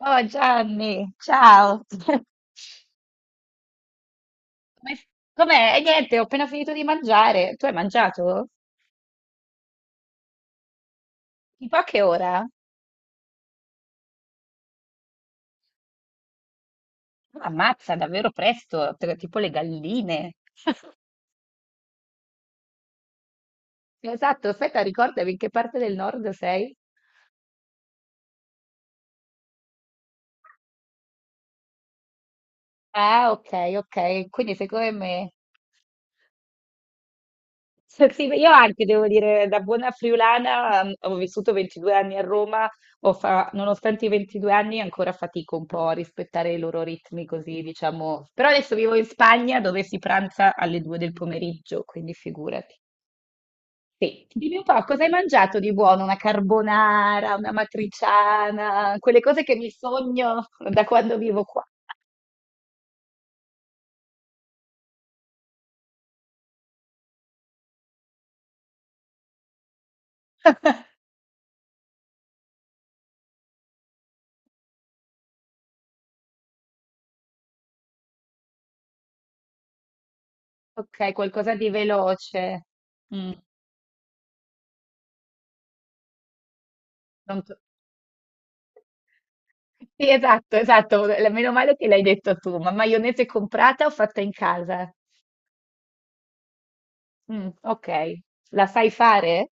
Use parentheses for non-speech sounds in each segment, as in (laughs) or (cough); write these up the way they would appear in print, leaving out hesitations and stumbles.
Oh Gianni, ciao. (laughs) Come- Com'è? E niente, ho appena finito di mangiare. Tu hai mangiato? Tipo a che ora? Ah, ammazza, davvero presto, tipo le galline. Esatto, aspetta, ricordami in che parte del nord sei? Ah, ok, ok, quindi sei come me. S sì, io anche devo dire, da buona friulana, ho vissuto 22 anni a Roma, ho fa nonostante i 22 anni ancora fatico un po' a rispettare i loro ritmi così, diciamo, però adesso vivo in Spagna dove si pranza alle 2 del pomeriggio, quindi figurati. Sì, dimmi un po' cosa hai mangiato di buono? Una carbonara, una matriciana, quelle cose che mi sogno da quando vivo qua. Okay, qualcosa di veloce. Mh, non t Sì, esatto, esatto. Meno male che l'hai detto tu, ma maionese comprata o fatta in casa? Mm, ok, la sai fare?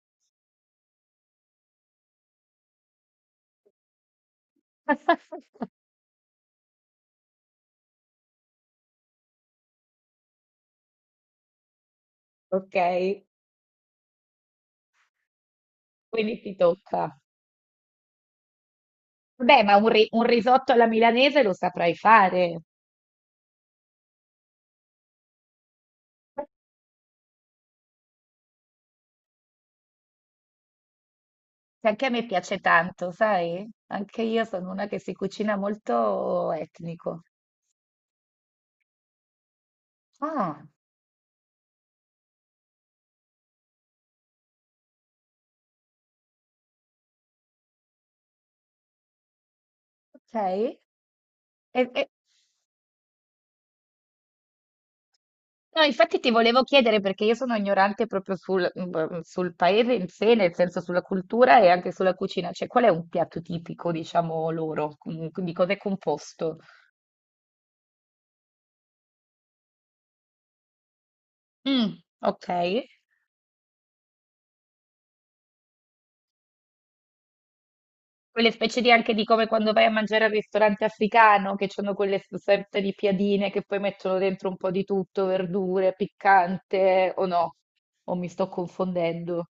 (laughs) Ok, quindi ti tocca. Beh, ma un risotto alla milanese lo saprai fare. Che Anche a me piace tanto, sai? Anche io sono una che si cucina molto etnico. Ah, ok. E, e- No, infatti ti volevo chiedere perché io sono ignorante proprio sul, sul paese in sé, nel senso sulla cultura e anche sulla cucina. Cioè, qual è un piatto tipico, diciamo, loro? Di cosa è composto? Mm, ok. Quelle specie di anche di come quando vai a mangiare al ristorante africano, che hanno quelle sorte di piadine che poi mettono dentro un po' di tutto, verdure, piccante, o no? O mi sto confondendo?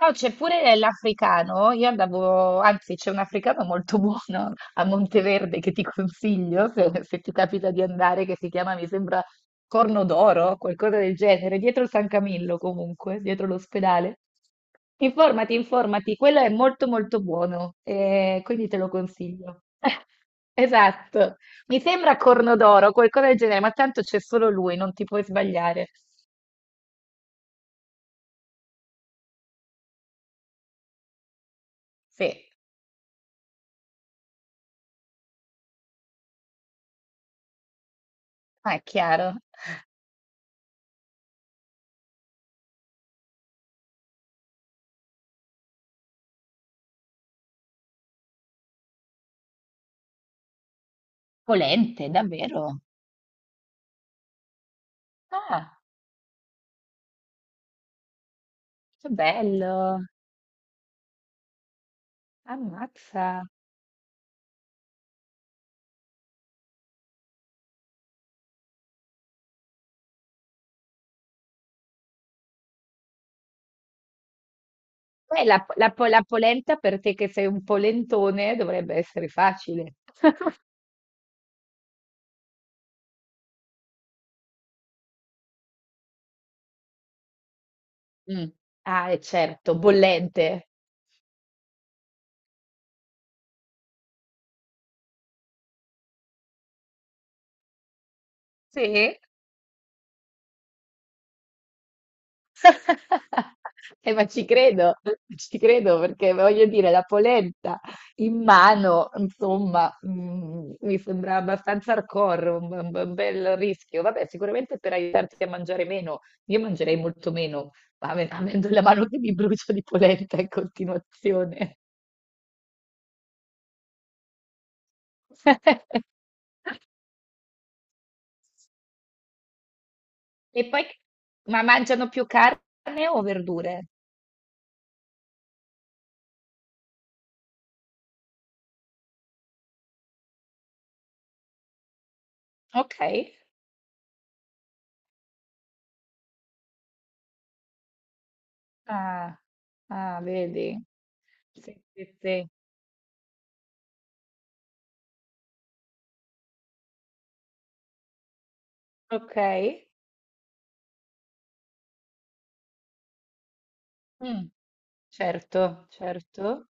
No, c'è pure l'africano. Io andavo, anzi, c'è un africano molto (laughs) buono a Monteverde che ti consiglio se, se ti capita di andare, che si chiama, mi sembra, Corno d'Oro, qualcosa del genere, dietro San Camillo comunque, dietro l'ospedale. Informati, informati, quello è molto molto buono, quindi te lo consiglio. (laughs) Esatto, mi sembra Corno d'Oro, qualcosa del genere, ma tanto c'è solo lui, non ti puoi sbagliare. Sì, ma è chiaro. Polente, davvero? Ah, che bello! Ammazza! Beh, la polenta per te che sei un polentone dovrebbe essere facile. (laughs) Mm. Ah, è certo, bollente. Sì. (laughs) Ma ci credo perché voglio dire, la polenta in mano, insomma, mi sembra abbastanza hardcore, un bel rischio. Vabbè, sicuramente per aiutarti a mangiare meno, io mangerei molto meno, ma avendo la mano che mi brucia di polenta in continuazione. (laughs) E poi, ma mangiano più carne o verdure? Ok. Ah, ah, vedi. Sì, sì, sì. Ok. Mm, certo, certo.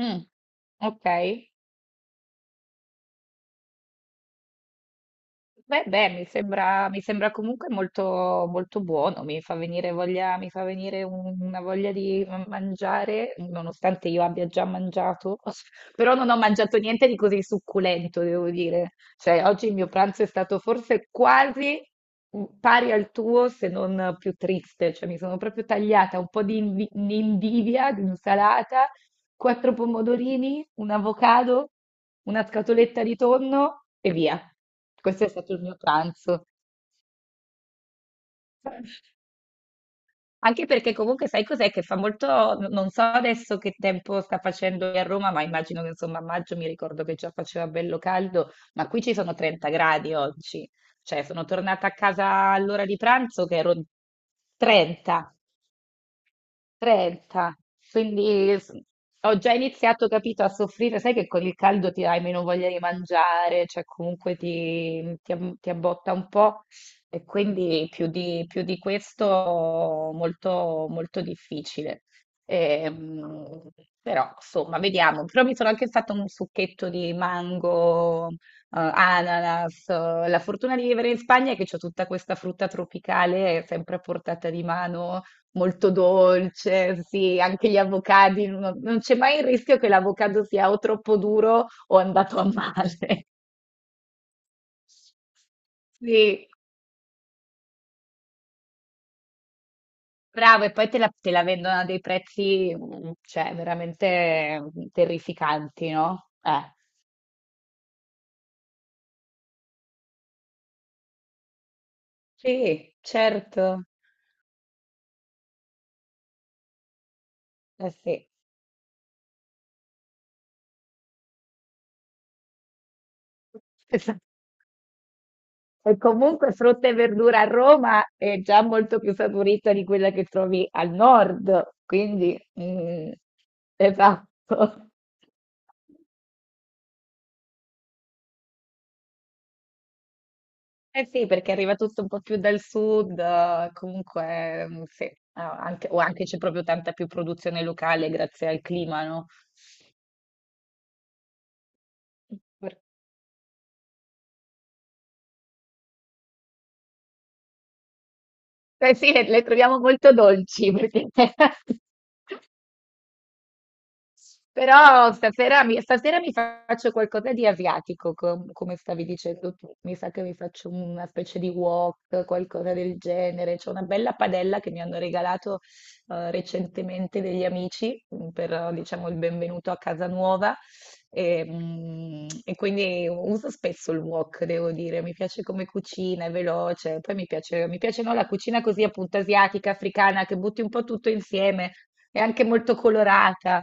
Mm, ok. Beh, beh, mi sembra comunque molto, molto buono, mi fa venire voglia, mi fa venire una voglia di mangiare, nonostante io abbia già mangiato, (laughs) però non ho mangiato niente di così succulento, devo dire. Cioè, oggi il mio pranzo è stato forse quasi pari al tuo, se non più triste, cioè mi sono proprio tagliata un po' di invidia, di insalata. Quattro pomodorini, un avocado, una scatoletta di tonno e via. Questo è stato il mio pranzo. Anche perché comunque sai cos'è che fa molto, non so adesso che tempo sta facendo qui a Roma, ma immagino che insomma a maggio mi ricordo che già faceva bello caldo, ma qui ci sono 30 gradi oggi, cioè sono tornata a casa all'ora di pranzo che ero in 30. 30, quindi ho già iniziato, capito, a soffrire, sai che con il caldo ti hai meno voglia di mangiare, cioè comunque ti abbotta un po' e quindi più di questo molto, molto difficile. Ehm, però insomma, vediamo, però mi sono anche fatto un succhetto di mango, ananas, la fortuna di vivere in Spagna è che c'ho tutta questa frutta tropicale sempre a portata di mano molto dolce, sì, anche gli avocadi, non c'è mai il rischio che l'avocado sia o troppo duro o è andato a male. (laughs) Sì, bravo, e poi te la vendono a dei prezzi, cioè, veramente terrificanti, no? Sì, certo, eh sì. (laughs) E comunque frutta e verdura a Roma è già molto più saporita di quella che trovi al nord, quindi esatto. Eh sì, perché arriva tutto un po' più dal sud, comunque sì, ah, o anche c'è proprio tanta più produzione locale grazie al clima, no? Per- Eh sì, le troviamo molto dolci perché (laughs) sì. Però stasera mi faccio qualcosa di asiatico, come stavi dicendo tu. Mi sa che mi faccio una specie di wok, qualcosa del genere. C'è una bella padella che mi hanno regalato recentemente degli amici per, diciamo, il benvenuto a casa nuova. E quindi uso spesso il wok, devo dire. Mi piace come cucina, è veloce. Poi mi piace, no, la cucina così appunto asiatica, africana, che butti un po' tutto insieme. È anche molto colorata.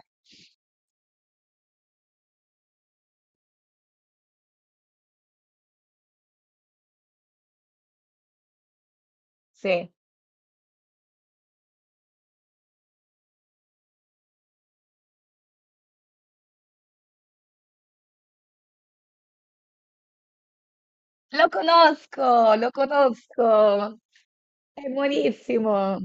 Sì, lo conosco, è buonissimo.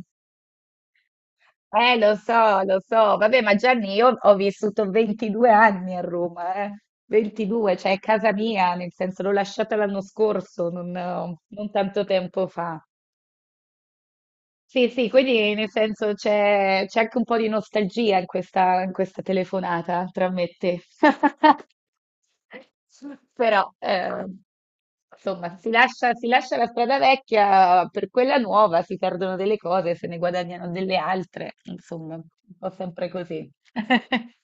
Lo so, lo so. Vabbè, ma Gianni, io ho vissuto 22 anni a Roma, eh. 22, cioè è casa mia, nel senso l'ho lasciata l'anno scorso, non tanto tempo fa. Sì, sì, quindi nel senso c'è anche un po' di nostalgia in questa, telefonata tra me e te. (laughs) Però, insomma, si lascia la strada vecchia per quella nuova, si perdono delle cose, se ne guadagnano delle altre, insomma, un po' sempre così. (laughs)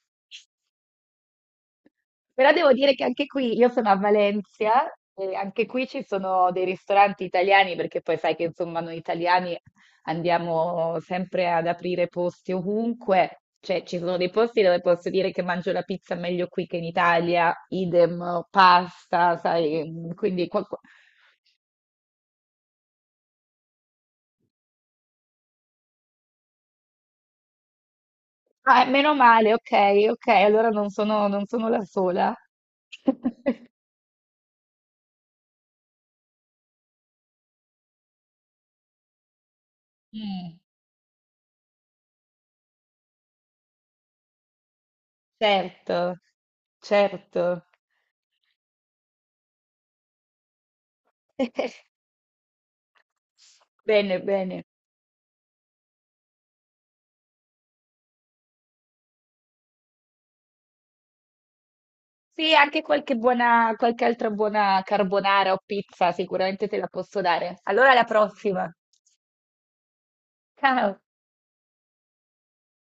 Però devo dire che anche qui, io sono a Valencia e anche qui ci sono dei ristoranti italiani, perché poi sai che insomma noi italiani andiamo sempre ad aprire posti ovunque, cioè ci sono dei posti dove posso dire che mangio la pizza meglio qui che in Italia, idem pasta, sai, quindi. Ah, meno male, ok, ok, allora non sono, non sono la sola. (laughs) Mm, certo, certo. (laughs) Bene, bene. Sì, anche qualche buona, qualche altra buona carbonara o pizza sicuramente te la posso dare. Allora alla prossima. Ciao.